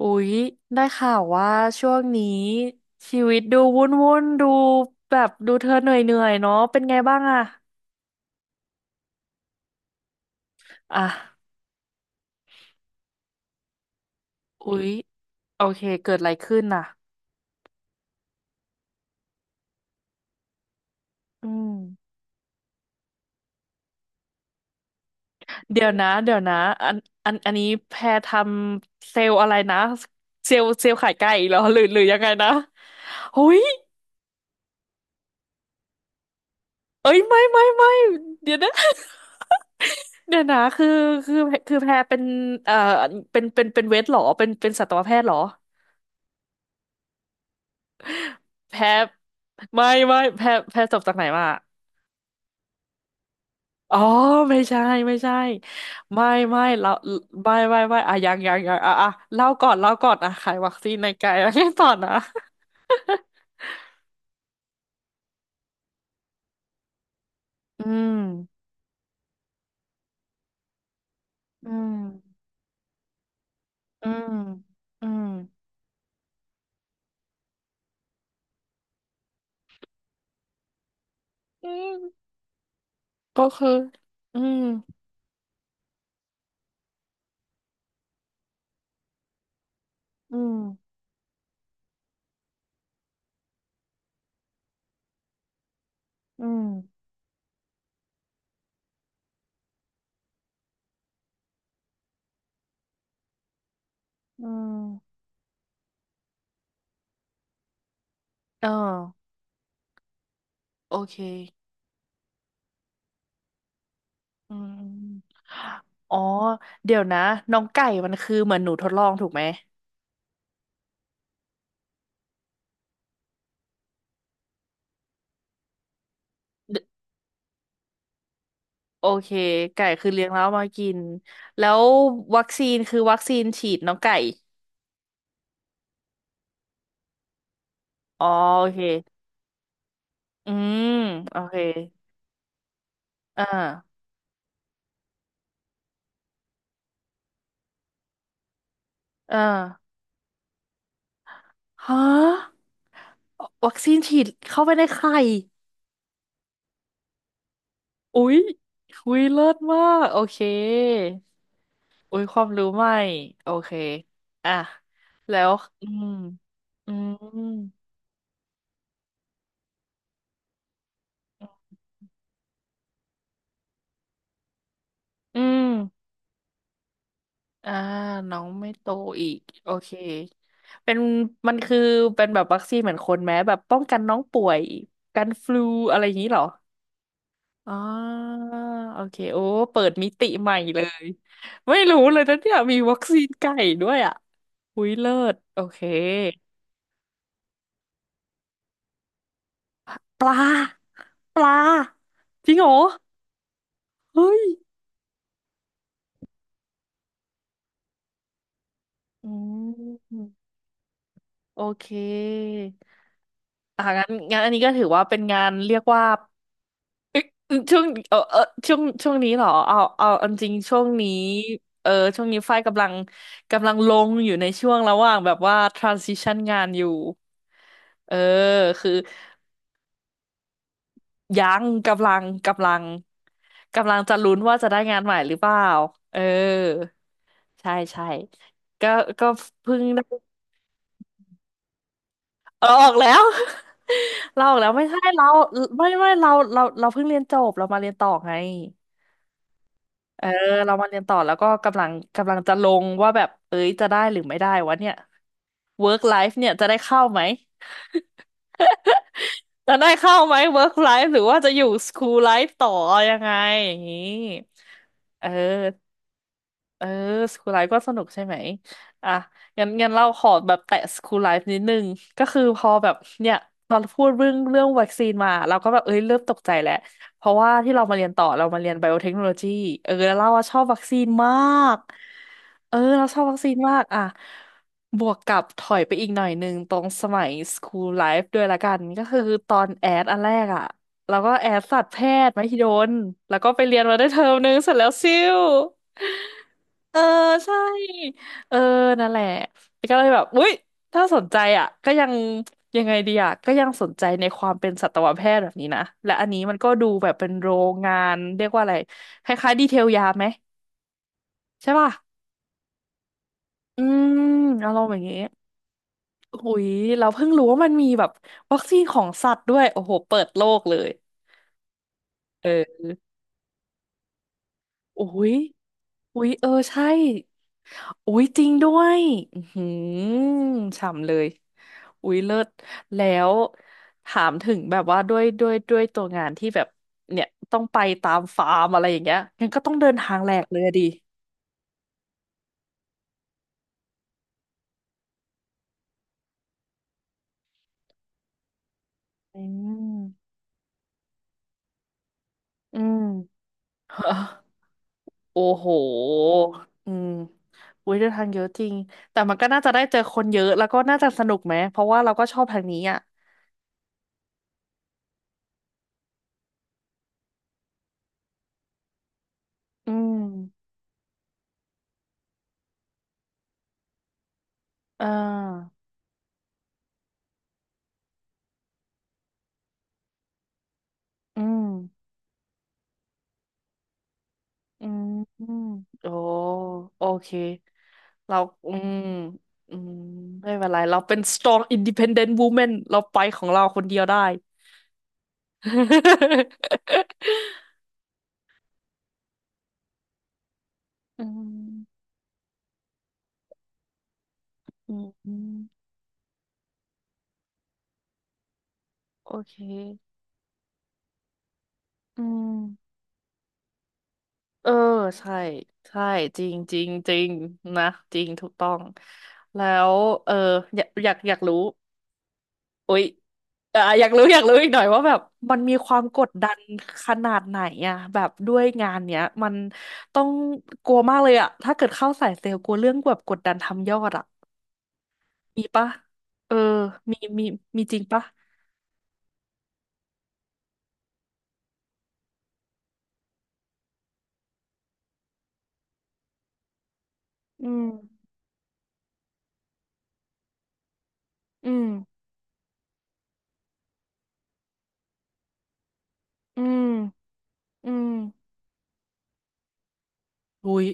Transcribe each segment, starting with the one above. อุ๊ยได้ข่าวว่าช่วงนี้ชีวิตดูวุ่นดูแบบดูเธอเหนื่อยเนาะเป็นไงบ้างอะอ่ะอุ๊ยโอเคเกิดอะไรขึ้นน่ะอืมเดี๋ยวนะเดี๋ยวนะอันอันนี้แพรทำเซลล์อะไรนะเซลล์ขายไก่เหรอหรือยังไงนะอุ๊ยเอ้ยไม่เดี๋ยวนะ เดี๋ยวนะคือคือแพรเป็นเอ่อเป็นเวชเหรอเป็นสัตวแพทย์เหรอ แพ้ไม่ไม่แพ้จบจากไหนมาอ๋อไม่ใช่ไม่ใช่ไม่ไม่เราไม่ไม่ไม่อ่ะยังอ่ะอ่ะเล่าก่อนอ่ะขายวัคซีนในไกลแล้ วให้ต่อนะอืมอืมอืมอืมอืมก็คืออืมอืมอืมอืมเออโอเคอืมอือ๋อเดี๋ยวนะน้องไก่มันคือเหมือนหนูทดลองถูกไหม โอเคไก่คือเลี้ยงแล้วเอามากินแล้ววัคซีนคือวัคซีนฉีดน้องไก่อ๋อโอเคอืมโอเคอ่าอ่าฮะวัคซีนฉีดเข้าไปในไข่อุ๊ยคุยเลิศมากโอเคอุ้ยความรู้ใหม่โอเคอ่ะแล้วอืมอืมอืม อ่าน้องไม่โตอีกโอเคเป็นมันคือเป็นแบบวัคซีนเหมือนคนไหมแบบป้องกันน้องป่วยกันฟลูอะไรอย่างนี้เหรออ๋อโอเคโอ้เปิดมิติใหม่เลยไม่รู้เลยนะเนี่ยมีวัคซีนไก่ด้วยอ่ะหุยเลิศโอเคปลาปลาจริงเหรอเฮ้ยอืมโอเคอ่ะงั้นอันนี้ก็ถือว่าเป็นงานเรียกว่า ช่วงเออช่วงนี้เหรอเอาจริงช่วงนี้เออช่วงนี้ฝ้ายกำลังลงอยู่ในช่วงระหว่างแบบว่า transition งานอยู่เออคือยังกำลังกำลังจะลุ้นว่าจะได้งานใหม่หรือเปล่าเออใช่ใช่ก็ก็เพิ่งได้เออออกแล้ว เราออกแล้วไม่ใช่เราไม่ไม่เราเราเพิ่งเรียนจบเรามาเรียนต่อไง เออเรามาเรียนต่อแล้วก็กำลังกำลังจะลงว่าแบบเอ้ยจะได้หรือไม่ได้วะเนี่ย work life เนี่ยจะได้เข้าไหมจะได้เข้าไหม work life หรือว่าจะอยู่ school life ต่อยังไงอย่างนี้เออ เออสคูลไลฟ์ก็สนุกใช่ไหมอ่ะงั้นเราขอแบบแตะสคูลไลฟ์นิดนึงก็คือพอแบบเนี่ยตอนพูดเรื่องวัคซีนมาเราก็แบบเอ้ยเริ่มตกใจแล้วเพราะว่าที่เรามาเรียนต่อเรามาเรียนไบโอเทคโนโลยีเออแล้วเราอะชอบวัคซีนมากเออเราชอบวัคซีนมากอ่ะบวกกับถอยไปอีกหน่อยหนึ่งตรงสมัยสคูลไลฟ์ด้วยละกันก็คือตอนแอดอันแรกอ่ะแล้วก็แอดสัตวแพทย์มหิดลแล้วก็ไปเรียนมาได้เทอมนึงเสร็จแล้วซิ่ว เออใช่เออนั่นแหละก็เลยแบบอุ๊ยถ้าสนใจอ่ะก็ยังยังไงดีอ่ะก็ยังสนใจในความเป็นสัตวแพทย์แบบนี้นะและอันนี้มันก็ดูแบบเป็นโรงงานเรียกว่าอะไรคล้ายๆดีเทลยาไหมใช่ป่ะอืมเอาลองแบบนี้อุ๊ยเราเพิ่งรู้ว่ามันมีแบบวัคซีนของสัตว์ด้วยโอ้โหเปิดโลกเลยเอออุ้ย อุ๊ยเออใช่ อุ๊ยจริงด้วยอือหือฉ่ำเลย อุ๊ยเลิศ แล้วถามถึงแบบว่าด้วยตัวงานที่แบบเนี่ยต้องไปตามฟาร์มอะไรอย่างเงี้ยงั้นก็ต้องเดินทางแหลกเลยอะดิอืมอืมฮะโอ้โห อืมอุ๊ยเดินทางเยอะจริง แต่มันก็น่าจะได้เจอคนเยอะ แล้วก็น่าจะสนุกไหม เพราะว่าเราก็ชอบทางนี้อ่ะอืมอ่าอืม อืมโอ้โอเคเราอืมอืมไม่เป็นไรเราเป็น strong independent woman เราไปของเราคนเดียวได้ อืมอืมอืมโอเคอืมเออใช่ใช่จริงจริงจริงนะจริงถูกต้องแล้วเอออยากรู้ อุ๊ยอ่ะอยากรู้อยากรู้อีกหน่อยว่าแบบมันมีความกดดันขนาดไหนอะแบบด้วยงานเนี้ยมันต้องกลัวมากเลยอะถ้าเกิดเข้าสายเซลล์กลัวเรื่องแบบกดดันทำยอดอะมีปะเออมีมีจริงปะอืมอืมอืมอืมอุ้ย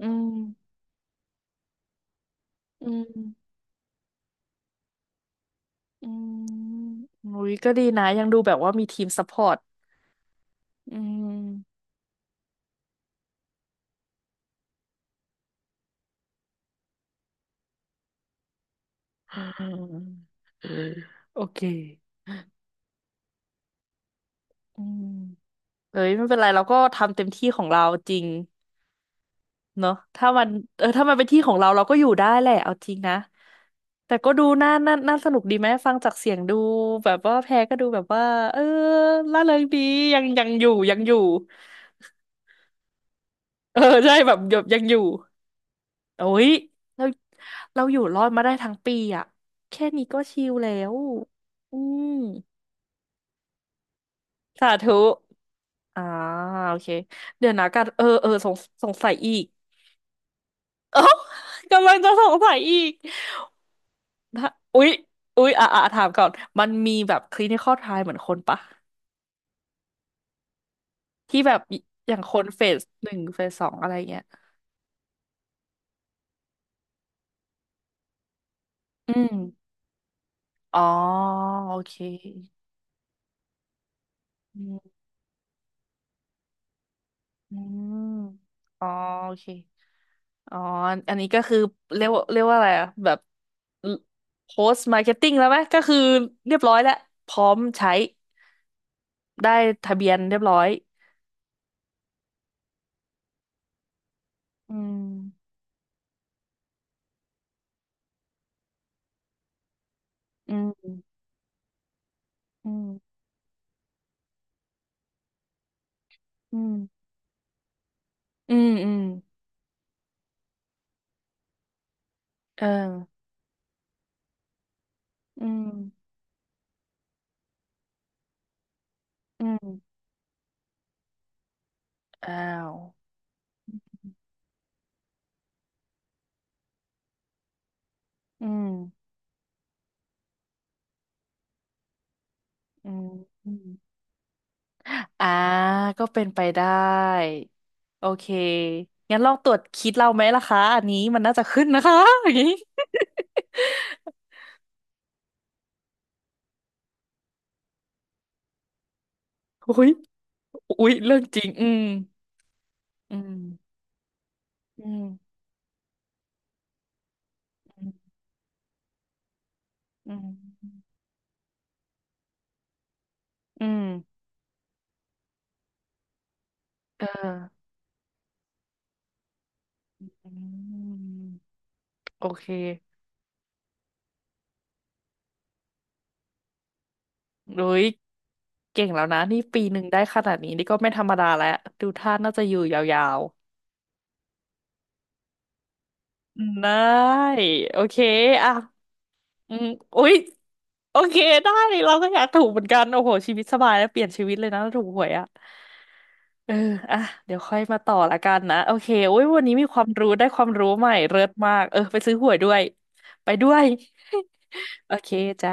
อืมอืมอืมอุ้ยก็ดีนะยังดูแบบว่ามีทีมซัพพอร์ตอืมโอเคอืม เอ้ยไม่เป็นไรเราก็ทำเต็มที่ของเราจริงเนอะถ้ามันเออถ้ามันเป็นที่ของเราเราก็อยู่ได้แหละเอาจริงนะแต่ก็ดูน่าสนุกดีไหมฟังจากเสียงดูแบบว่าแพรก็ดูแบบว่าเออร่าเริงดียังอยู่ยังอยู่เออใช่แบบยังอยู่โอ้ยเราเราอยู่รอดมาได้ทั้งปีอ่ะแค่นี้ก็ชิลแล้วอืมสาธุอ่าโอเคเดี๋ยวนะกันเออสงสงสัยอีก กำลังจะสงสัยอีกถ้าอุ๊ยอุ๊ยอ่ะถามก่อนมันมีแบบคลินิคอลไทล์เหมือนคนปะที่แบบอย่างคนเฟสหนึ่งเฟสสองอะไรเงี้ยอืมอ๋อโอเคอืมอืมอ๋อโอเคอ๋ออันนี้ก็คือเรียกว่าอะไรอะแบบ post marketing แล้วไหมก็คือเรียบร้อยแล้วพร้อมใช้ได้ทะเบียนเรียบร้อยอืมอืมอืมอืมอืมอืม เอออืมอืมอ้าวอืมอืมอมอ่าก็เป็นไปได้ โอเค งั้นลองตรวจคิดเราไหมล่ะคะอันนี้มันน่าจะขึ้นนะคะ อย่างนี้อุ้ยอุ้ยเรื่องจริงอืมอืมอืมอืมอืมเอออืมโอเคโดยเก่งแล้วนะนี่ปีหนึ่งได้ขนาดนี้นี่ก็ไม่ธรรมดาแล้วดูท่าน่าจะอยู่ยาว ได้โอเคอ่ะอืมอุ๊ยโอเคได้เราก็อยากถูกเหมือนกันโอ้โหชีวิตสบายแล้วเปลี่ยนชีวิตเลยนะถ้าถูกหวยอ่ะเอออ่ะเดี๋ยวค่อยมาต่อละกันนะโอเคโอ้ยวันนี้มีความรู้ได้ความรู้ใหม่เลิศมากเออไปซื้อหวยด้วยไปด้วย โอเคจ้า